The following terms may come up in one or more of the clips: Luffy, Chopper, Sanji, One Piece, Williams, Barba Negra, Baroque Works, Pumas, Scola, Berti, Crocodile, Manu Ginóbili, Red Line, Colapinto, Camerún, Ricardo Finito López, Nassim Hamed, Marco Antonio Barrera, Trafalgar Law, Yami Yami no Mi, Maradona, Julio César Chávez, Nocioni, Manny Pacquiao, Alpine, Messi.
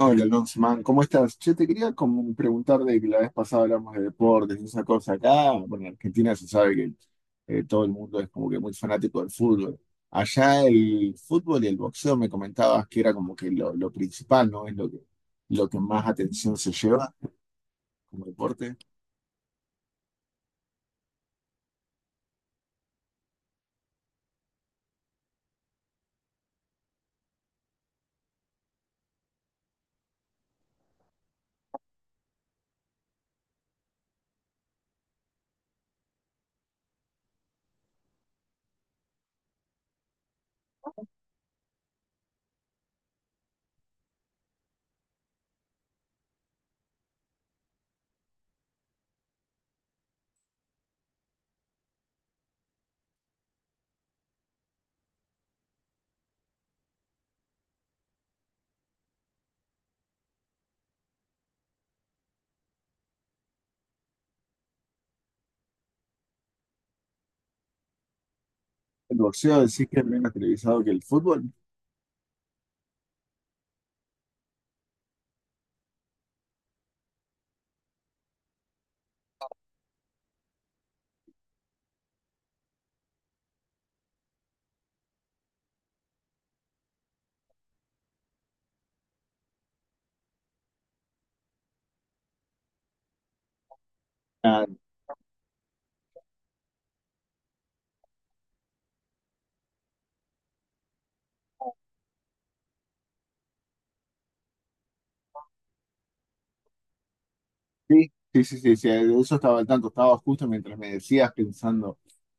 Hola, Lonsman, ¿cómo estás? Yo te quería como preguntar de que la vez pasada hablamos de deportes y esa cosa acá. Bueno, en Argentina se sabe que todo el mundo es como que muy fanático del fútbol. Allá el fútbol y el boxeo me comentabas que era como que lo principal, ¿no? Es lo que más atención se lleva como deporte. ¿El boxeo decís que es menos televisado que el fútbol? Ah. Sí, sí, sí, sí, sí, de eso estaba al tanto, estaba justo mientras me decías pensando,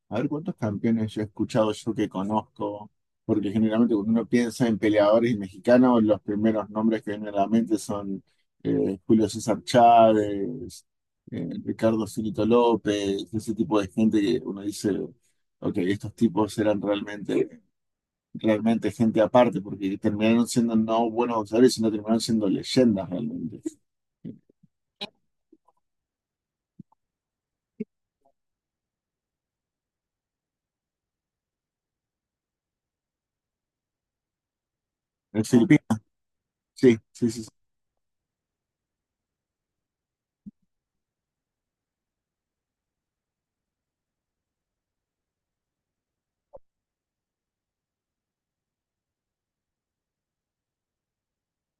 a ver cuántos campeones yo he escuchado, yo que conozco, porque generalmente cuando uno piensa en peleadores mexicanos, los primeros nombres que vienen a la mente son Julio César Chávez, Ricardo Finito López, ese tipo de gente que uno dice, ok, estos tipos eran realmente, realmente gente aparte, porque terminaron siendo no buenos boxeadores, sino terminaron siendo leyendas realmente. En Ah, sí, sí, sí.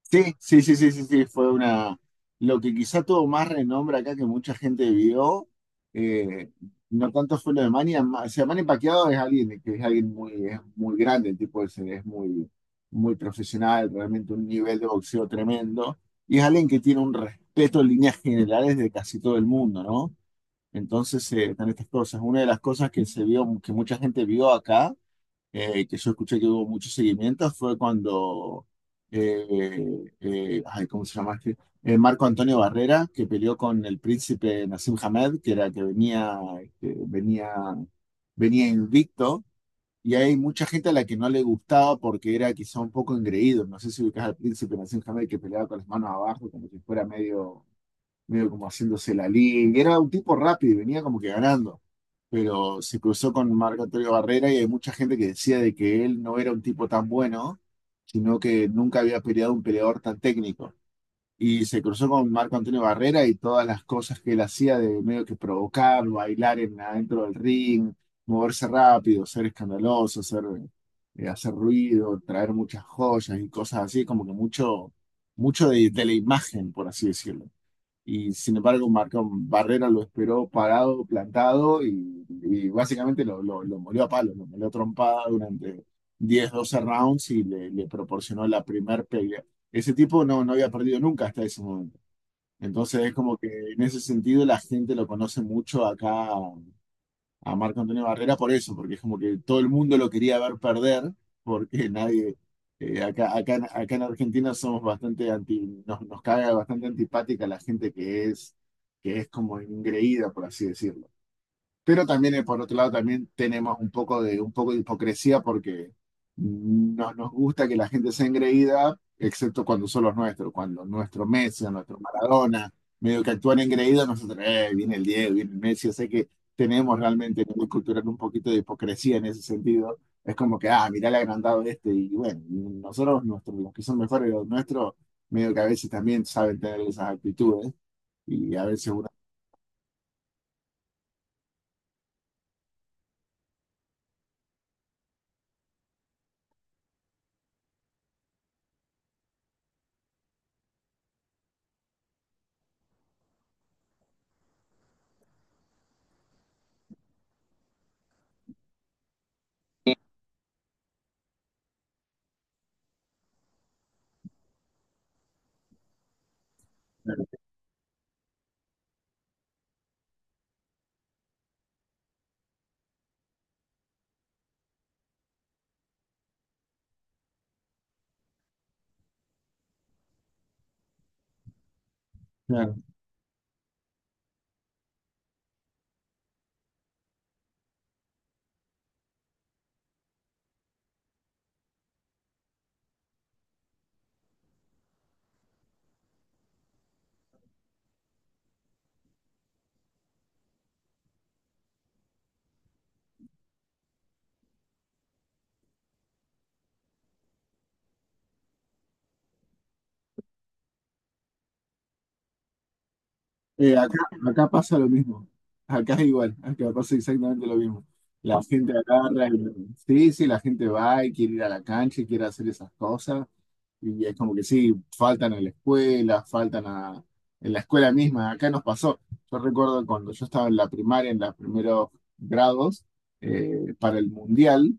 Sí, sí, sí, sí, sí, sí, fue una. Lo que quizá tuvo más renombre acá que mucha gente vio, eh, no tanto fue lo de Manny, o sea, Manny Pacquiao es alguien que es alguien muy, es muy grande, el tipo ese es muy, muy profesional, realmente un nivel de boxeo tremendo, y es alguien que tiene un respeto en líneas generales de casi todo el mundo, ¿no? Entonces, están estas cosas. Una de las cosas que se vio, que mucha gente vio acá, que yo escuché que hubo muchos seguimientos, fue cuando, ay, ¿cómo se llama este? Marco Antonio Barrera, que peleó con el príncipe Nassim Hamed, que era que venía, venía invicto, y hay mucha gente a la que no le gustaba porque era quizá un poco engreído. No sé si ubicás al príncipe Nassim Hamed que peleaba con las manos abajo, como si fuera medio como haciéndose la línea. Era un tipo rápido y venía como que ganando. Pero se cruzó con Marc Antonio Barrera y hay mucha gente que decía de que él no era un tipo tan bueno, sino que nunca había peleado un peleador tan técnico. Y se cruzó con Marc Antonio Barrera y todas las cosas que él hacía de medio que provocar, bailar adentro del ring, moverse rápido, ser escandaloso, ser, hacer ruido, traer muchas joyas y cosas así, como que mucho, mucho de la imagen, por así decirlo. Y sin embargo, Marcón Barrera lo esperó parado, plantado y básicamente lo molió a palos, lo molió a trompada durante 10 o 12 rounds y le proporcionó la primer pelea. Ese tipo no había perdido nunca hasta ese momento. Entonces es como que en ese sentido la gente lo conoce mucho acá a Marco Antonio Barrera por eso, porque es como que todo el mundo lo quería ver perder, porque nadie, acá en Argentina somos bastante anti, nos caga bastante antipática la gente que es como ingreída, por así decirlo. Pero también, por otro lado, también tenemos un poco de hipocresía porque no nos gusta que la gente sea engreída, excepto cuando son los nuestros, cuando nuestro Messi, o nuestro Maradona, medio que actúan engreídos, nosotros, viene el Diego, viene el Messi, o sea que tenemos realmente en el cultural un poquito de hipocresía en ese sentido. Es como que, ah, mirá el agrandado este, y bueno, nosotros, nuestros, los que son mejores de los nuestros, medio que a veces también saben tener esas actitudes, y a veces uno. Eh, acá, acá pasa lo mismo. Acá es igual, acá pasa exactamente lo mismo. La gente agarra sí, sí, la gente va y quiere ir a la cancha y quiere hacer esas cosas. Y es como que sí, faltan a la escuela, faltan a, en la escuela misma. Acá nos pasó. Yo recuerdo cuando yo estaba en la primaria, en los primeros grados, para el mundial,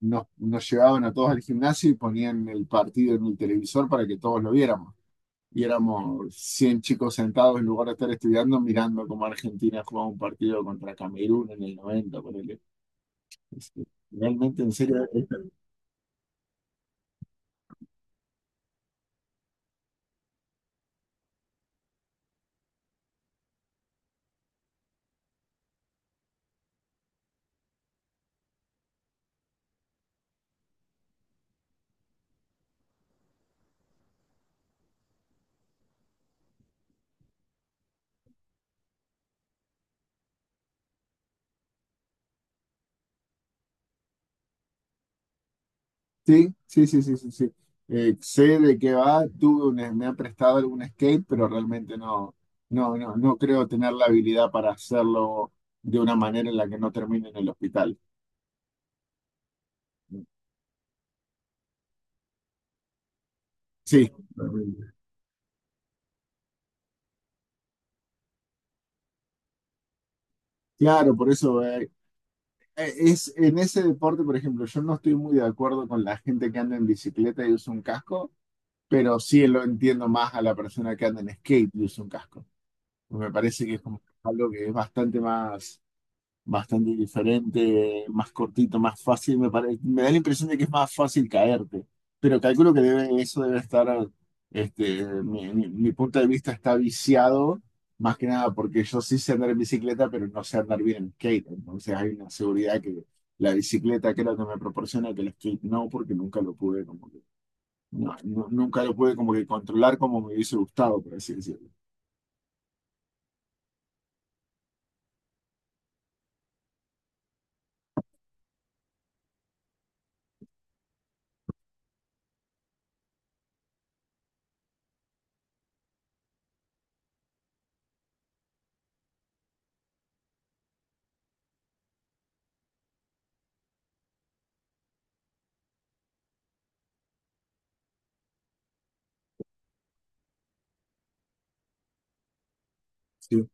nos llevaban a todos al gimnasio y ponían el partido en el televisor para que todos lo viéramos y éramos 100 chicos sentados en lugar de estar estudiando, mirando cómo Argentina jugaba un partido contra Camerún en el 90 ponele. Es Realmente, en serio. Sí, sí, sí, sí, sí, sí. Sé de qué va, me han prestado algún skate, pero realmente no creo tener la habilidad para hacerlo de una manera en la que no termine en el hospital. Sí, claro, por eso es en ese deporte, por ejemplo, yo no estoy muy de acuerdo con la gente que anda en bicicleta y usa un casco pero sí lo entiendo más a la persona que anda en skate y usa un casco. Me parece que es como algo que es bastante más, bastante diferente, más cortito, más fácil. Me da la impresión de que es más fácil caerte, pero calculo que debe, eso debe estar, mi punto de vista está viciado, más que nada porque yo sí sé andar en bicicleta, pero no sé andar bien en skate. Entonces hay una seguridad que la bicicleta creo que me proporciona que el skate no, porque nunca lo pude como nunca lo pude como que controlar como me hubiese gustado, por así decirlo. Sí.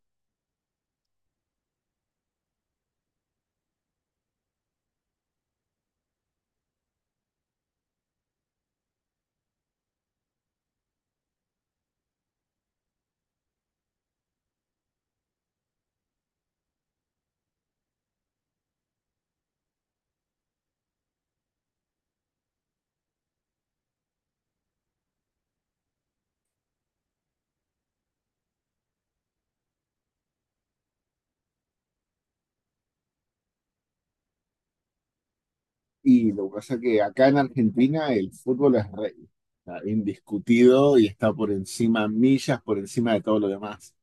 Y lo que pasa es que acá en Argentina el fútbol es rey, está indiscutido y está por encima, millas por encima de todo lo demás.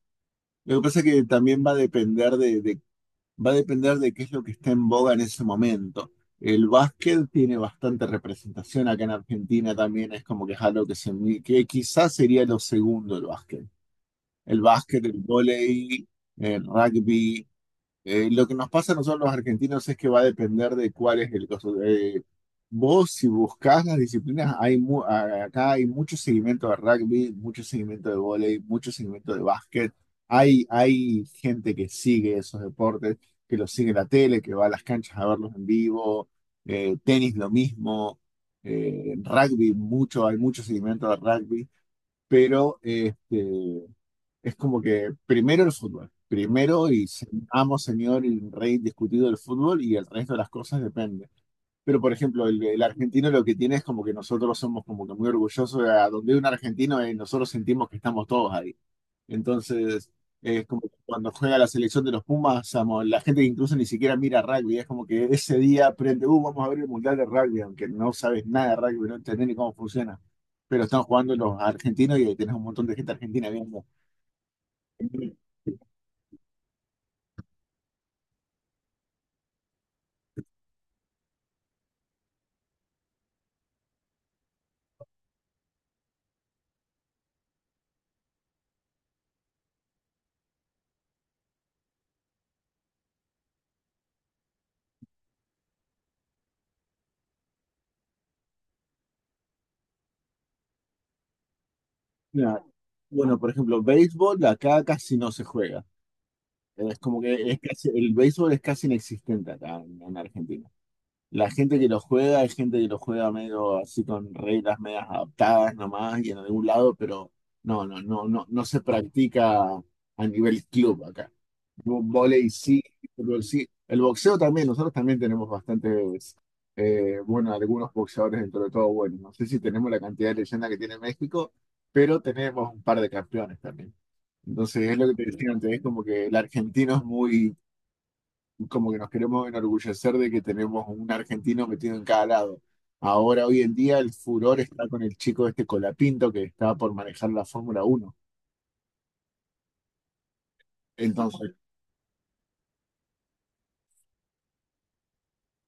Lo que pasa es que también va a depender de, va a depender de qué es lo que está en boga en ese momento. El básquet tiene bastante representación acá en Argentina también, es como que es algo que, que quizás sería lo segundo el básquet. El básquet, el vóley, el rugby. Lo que nos pasa a nosotros los argentinos es que va a depender de cuál es el caso. Vos, si buscás las disciplinas, hay acá hay mucho seguimiento de rugby, mucho seguimiento de vóley, mucho seguimiento de básquet. Hay gente que sigue esos deportes, que los sigue en la tele, que va a las canchas a verlos en vivo. Tenis, lo mismo. Rugby, mucho, hay mucho seguimiento de rugby. Pero es como que primero el fútbol, primero amo, señor y rey discutido del fútbol y el resto de las cosas depende. Pero, por ejemplo, el argentino lo que tiene es como que nosotros somos como que muy orgullosos de a donde hay un argentino. Nosotros sentimos que estamos todos ahí. Entonces, es como que cuando juega la selección de los Pumas, amo, la gente que incluso ni siquiera mira rugby, es como que ese día aprende, vamos a ver el Mundial de Rugby, aunque no sabes nada de rugby, no entendés ni cómo funciona. Pero están jugando los argentinos y ahí tenés un montón de gente argentina viendo. Bueno, por ejemplo, béisbol acá casi no se juega. Es como que es casi, el béisbol es casi inexistente acá en Argentina. La gente que lo juega es gente que lo juega medio así con reglas medias adaptadas nomás y en algún lado, pero no se practica a nivel club acá. Vóley sí, fútbol sí. El boxeo también, nosotros también tenemos bastantes, bueno, algunos boxeadores dentro de todo bueno. No sé si tenemos la cantidad de leyenda que tiene México, pero tenemos un par de campeones también. Entonces es lo que te decía antes, es como que el argentino es muy, como que nos queremos enorgullecer de que tenemos un argentino metido en cada lado. Ahora, hoy en día, el furor está con el chico este Colapinto que está por manejar la Fórmula Uno. Entonces.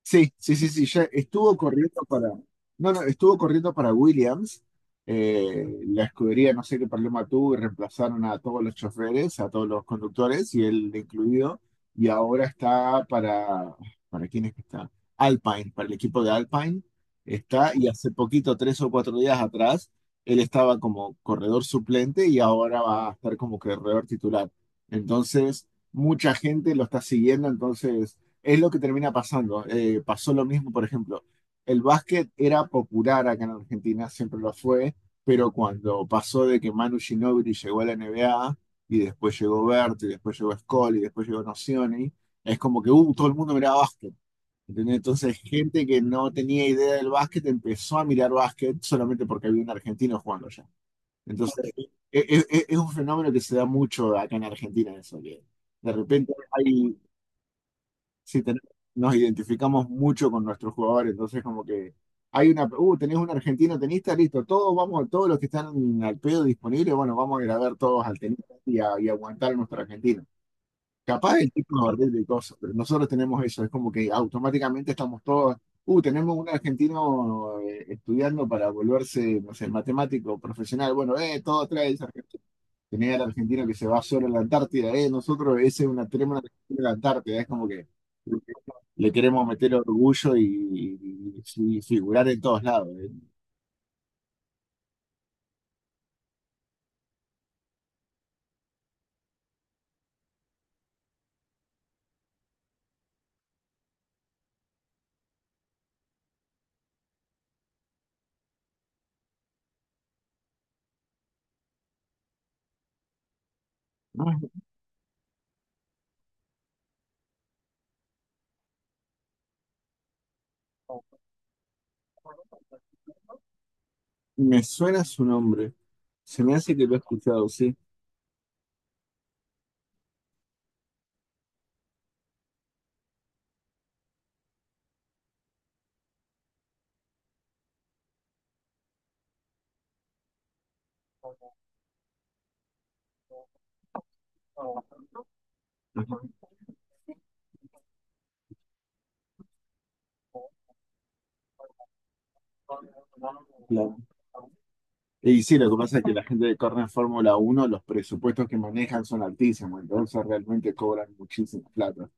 Sí, sí, sí, sí, ya estuvo corriendo para, no, no, estuvo corriendo para Williams, la escudería no sé qué problema tuvo y reemplazaron a todos los choferes, a todos los conductores y él incluido, y ahora está ¿para quién es que está? Alpine, para el equipo de Alpine está, y hace poquito, 3 o 4 días atrás, él estaba como corredor suplente y ahora va a estar como corredor titular. Entonces, mucha gente lo está siguiendo, entonces es lo que termina pasando. Pasó lo mismo, por ejemplo, el básquet era popular acá en Argentina, siempre lo fue, pero cuando pasó de que Manu Ginóbili llegó a la NBA y después llegó Berti, y después llegó Scola y después llegó Nocioni, es como que todo el mundo miraba básquet. ¿Entendés? Entonces, gente que no tenía idea del básquet empezó a mirar básquet solamente porque había un argentino jugando allá. Entonces, es, es un fenómeno que se da mucho acá en Argentina, eso, que de repente hay, sí, nos identificamos mucho con nuestros jugadores, entonces como que hay una, tenés un argentino tenista, listo, todos vamos, todos los que están al pedo disponibles, bueno, vamos a ir a ver todos al tenista y aguantar a nuestro argentino. Capaz el tipo nos ordena y cosas, pero nosotros tenemos eso, es como que automáticamente estamos todos, tenemos un argentino estudiando para volverse, no sé, matemático profesional, bueno, todo trae esa. Tener al argentino que se va solo a la Antártida, nosotros ese es una tremenda en la Antártida, es como que le queremos meter orgullo y- y figurar en todos lados. No, no, me suena su nombre, se me hace que lo he escuchado, sí. Ajá, claro. Y sí, lo que pasa es que la gente de corre Fórmula Uno los presupuestos que manejan son altísimos, entonces realmente cobran muchísima plata.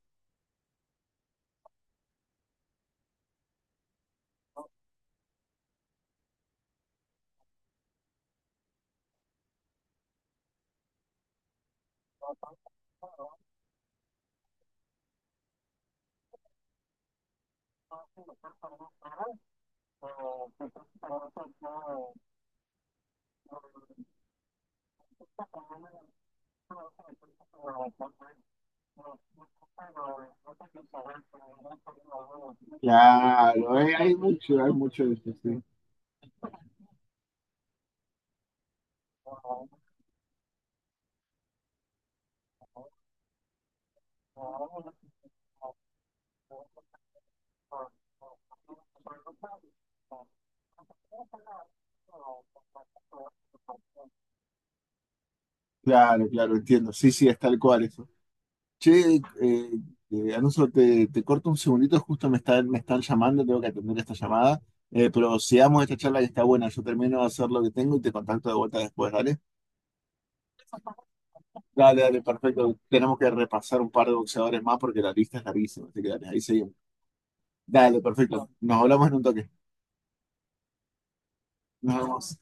Claro, hay mucho, hay mucho de eso, sí. Claro, claro, entiendo. Sí, sí, es tal cual, es. Che, Alonso, te corto un segundito, justo me están llamando, tengo que atender esta llamada, pero sigamos esta charla que está buena, yo termino de hacer lo que tengo y te contacto de vuelta después, ¿dale? Dale, dale, perfecto. Tenemos que repasar un par de boxeadores más porque la lista es larguísima, así que dale, ahí seguimos. Dale, perfecto. Nos hablamos en un toque. Nos vemos.